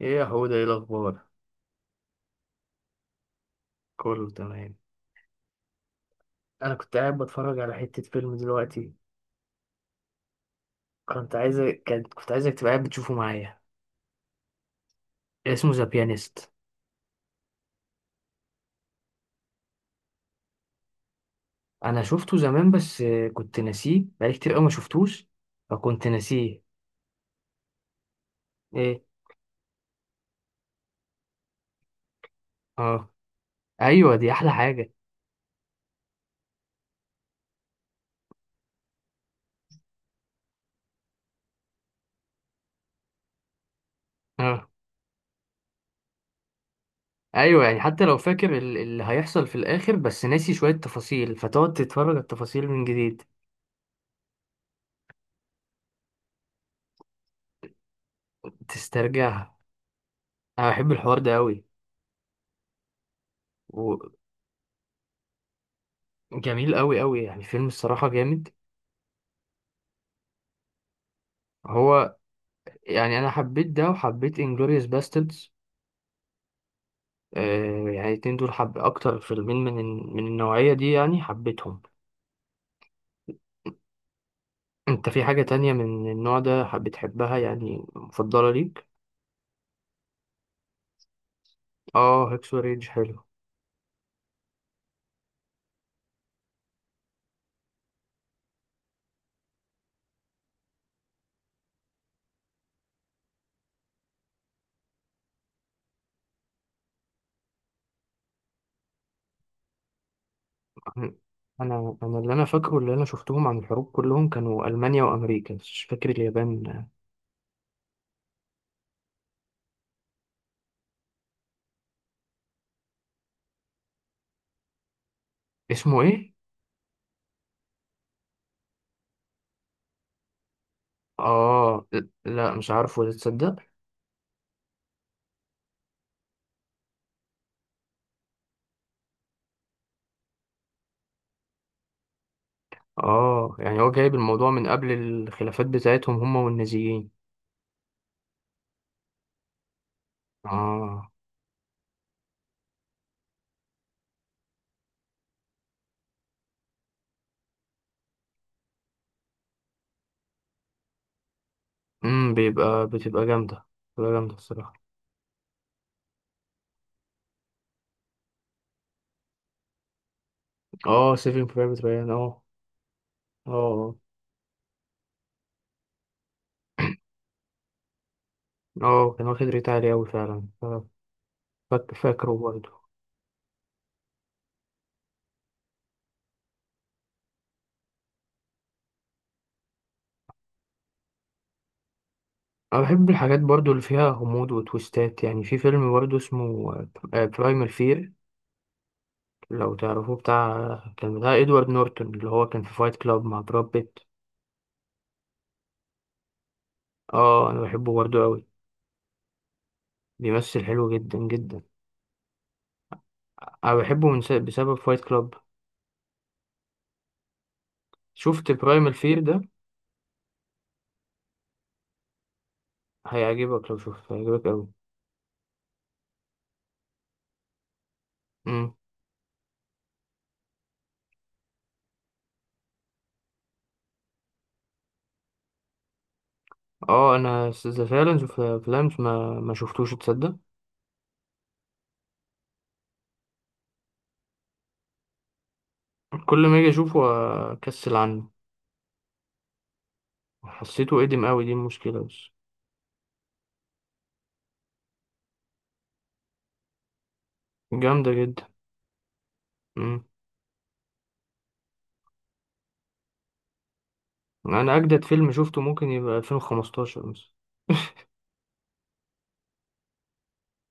ايه يا حوده، ايه الاخبار؟ كله تمام. انا كنت قاعد بتفرج على حته فيلم دلوقتي. كنت عايز كنت عايزك تبقى قاعد بتشوفه معايا. اسمه ذا بيانيست. انا شفته زمان بس كنت ناسيه، بقالي كتير قوي ما شفتوش، فكنت ناسيه. ايه؟ اه. ايوه دي احلى حاجه. اه. ايوه، يعني حتى لو فاكر اللي هيحصل في الاخر بس ناسي شويه تفاصيل، فتقعد تتفرج على التفاصيل من جديد. تسترجعها. انا بحب الحوار ده قوي. وجميل قوي قوي، يعني فيلم الصراحه جامد. هو يعني انا حبيت ده، وحبيت انجلوريوس باستردز. آه، يعني الاتنين دول حب اكتر فيلمين من من النوعيه دي، يعني حبيتهم. انت في حاجه تانية من النوع ده بتحبها، يعني مفضله ليك؟ اه، هيكسو ريدج حلو. انا اللي انا فاكره اللي انا شفتهم عن الحروب كلهم كانوا المانيا وامريكا، بس مش فاكر اليابان. اسمه ايه؟ اه، لا مش عارفه ده، تصدق. اه، يعني هو جايب الموضوع من قبل الخلافات بتاعتهم هما والنازيين. اه. امم، بتبقى جامدة، بتبقى جامدة الصراحة. اه، سيفين برايفت ريان، اه اه. اه كان واخد ريت عالي أوي فعلا. آه، فاكره برضه. أنا بحب الحاجات برضه اللي فيها غموض وتويستات. يعني في فيلم برضه اسمه برايمال فير. لو تعرفوه، بتاع كان بتاع إدوارد نورتون اللي هو كان في فايت كلاب مع براد بيت. اه أنا بحبه برضه أوي. بيمثل حلو جدا جدا. أنا بحبه من بسبب فايت كلاب. شفت برايمال فير ده؟ هيعجبك لو شفته، هيعجبك أوي. اه انا ذا فالنس في فلانس ما شفتوش تصدق. كل ما اجي اشوفه اكسل عنه. حسيته قديم قوي دي المشكله بس. جامده جدا. امم، انا اجدد فيلم شفته ممكن يبقى 2015 مثلا.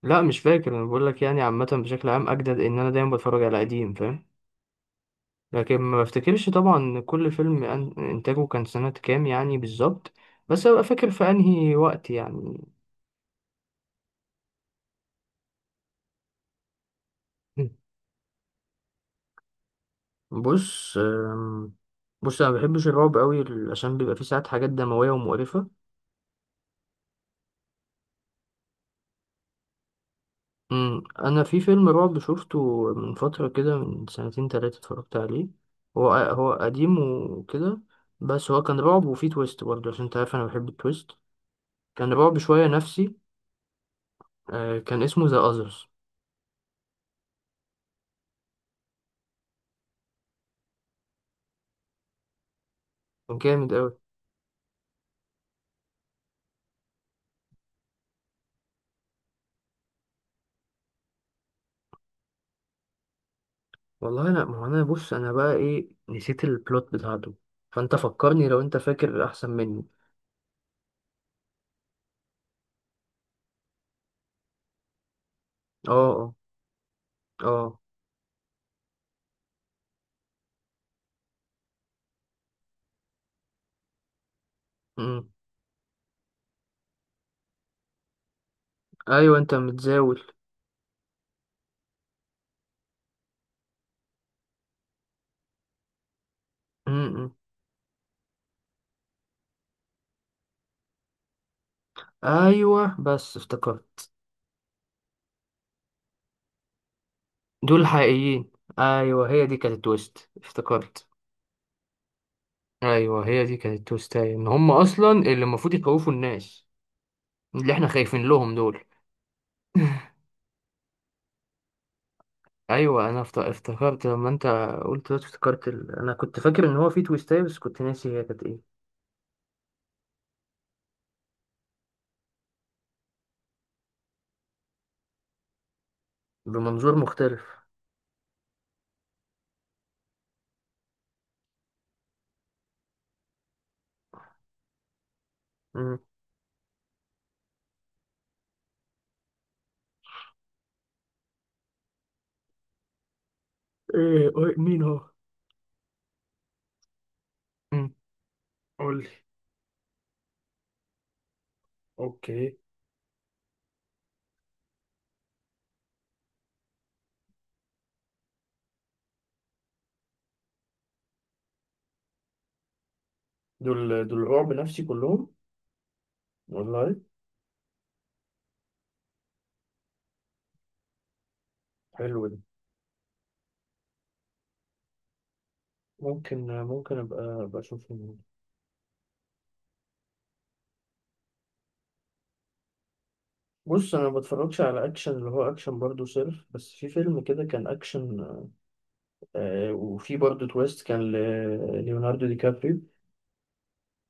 لا مش فاكر، انا بقول لك يعني عامه بشكل عام اجدد ان انا دايما بتفرج على قديم، فاهم. لكن ما بفتكرش طبعا كل فيلم انتاجه كان سنه كام يعني بالظبط، بس ابقى فاكر في انهي وقت يعني. بص بص انا ما بحبش الرعب قوي، عشان بيبقى فيه ساعات حاجات دمويه ومقرفه. أمم، انا في فيلم رعب شفته من فتره كده، من سنتين تلاتة اتفرجت عليه. هو هو قديم وكده. بس هو كان رعب وفيه تويست برضه، عشان انت عارف انا بحب التويست. كان رعب شويه نفسي. آه، كان اسمه ذا اذرز. كان جامد قوي. والله لا، ما هو انا بص انا بقى ايه، نسيت البلوت بتاعته. فانت فكرني لو انت فاكر احسن مني. اه اه اه. أمم. ايوه انت متزاول. م-م. ايوه بس افتكرت. دول الحقيقيين. ايوه هي دي كانت التويست، افتكرت. ايوه هي دي كانت التويست، أيوة. ان هم اصلا اللي المفروض يخوفوا الناس، اللي احنا خايفين لهم دول. ايوه انا افتكرت لما انت قلت دلوقتي، افتكرت ال... انا كنت فاكر ان هو في تويستاية بس كنت ناسي هي كانت ايه. بمنظور مختلف. م. ايه إيه، مين هو؟ م. قول لي. اوكي. دول دول رعب نفسي كلهم؟ والله حلو ده. ممكن ممكن ابقى اشوفهم. بص انا ما بتفرجش على اكشن اللي هو اكشن برضه صرف، بس في فيلم كده كان اكشن، آه وفي برضه تويست، كان ليوناردو دي كابريو.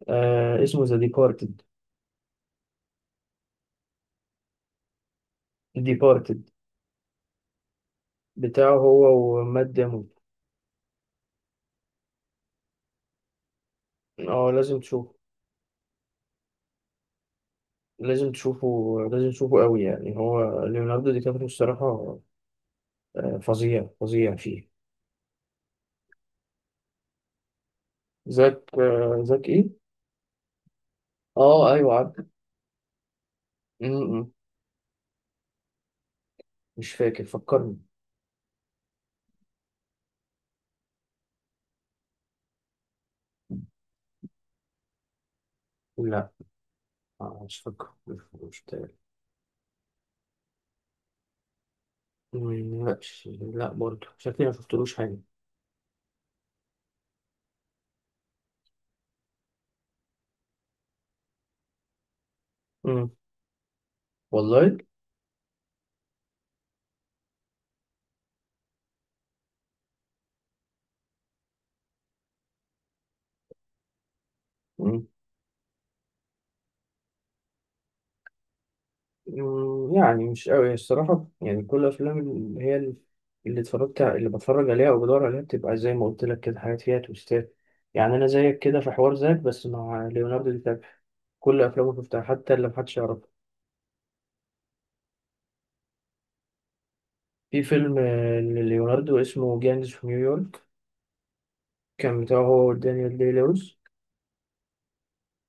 آه اسمه ذا ديبارتد. ديبارتد. بتاعه هو ومات ديمون. اه لازم تشوفه، لازم تشوفه، لازم تشوفه قوي يعني، هو ليوناردو دي كابريو الصراحة آه فظيع فظيع فيه. زاك آه، زاك ايه؟ اه ايوه عارف. م-. م. مش فاكر، فكرني. لا، آه، مش فاكر، مش متهيألي. مم، لا. لا برضه شكلي ما شفتلوش حاجة. مم. والله. مم. مم، يعني مش قوي الصراحة، يعني كل الأفلام اللي هي اللي اللي اتفرجت اللي بتفرج عليها أو بدور عليها بتبقى زي ما قلت لك كده، حاجات فيها تويستات. يعني أنا زيك كده في حوار ذاك، بس مع ليوناردو دي كابري كل أفلامه شفتها حتى اللي محدش يعرفها. في فيلم آه، لليوناردو اسمه جانجز في نيويورك. كان بتاعه هو ودانيال دي لويس.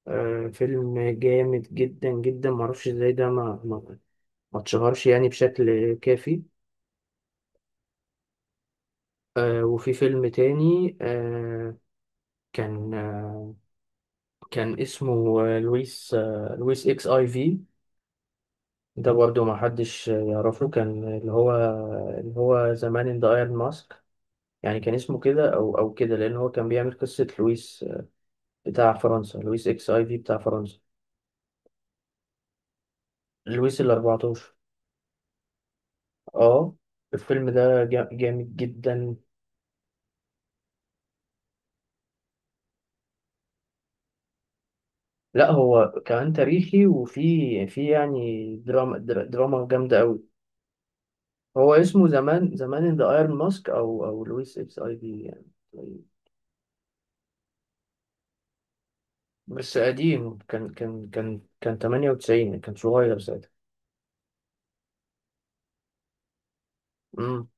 آه، فيلم جامد جدا جدا، معرفش ازاي ده ما ما اتشهرش يعني بشكل كافي. آه وفي فيلم تاني، آه كان آه كان اسمه آه، لويس، آه لويس اكس اي في. ده برضه ما حدش يعرفه، كان اللي هو اللي هو زمان ان ذا ايرون ماسك. يعني كان اسمه كده او او كده، لان هو كان بيعمل قصة لويس، آه، بتاع فرنسا، لويس اكس اي في بتاع فرنسا. لويس ال 14، اه. الفيلم ده جامد جدا. لا هو كمان تاريخي، وفي في يعني دراما، دراما جامدة قوي. هو اسمه زمان زمان ان ذا ايرون ماسك او او لويس اكس اي في يعني. بس قديم، كان 98، كان صغير ساعتها. امم،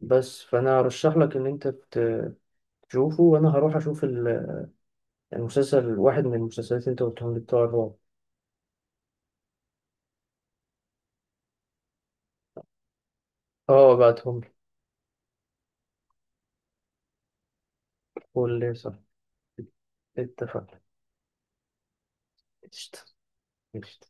بس فانا ارشح لك ان انت تشوفه، وانا هروح اشوف المسلسل، واحد من المسلسلات اللي انت قلتهم لي بتوع الرعب. اه بعتهم لي. قول لي صح. اتفقنا. قشطة. قشطة.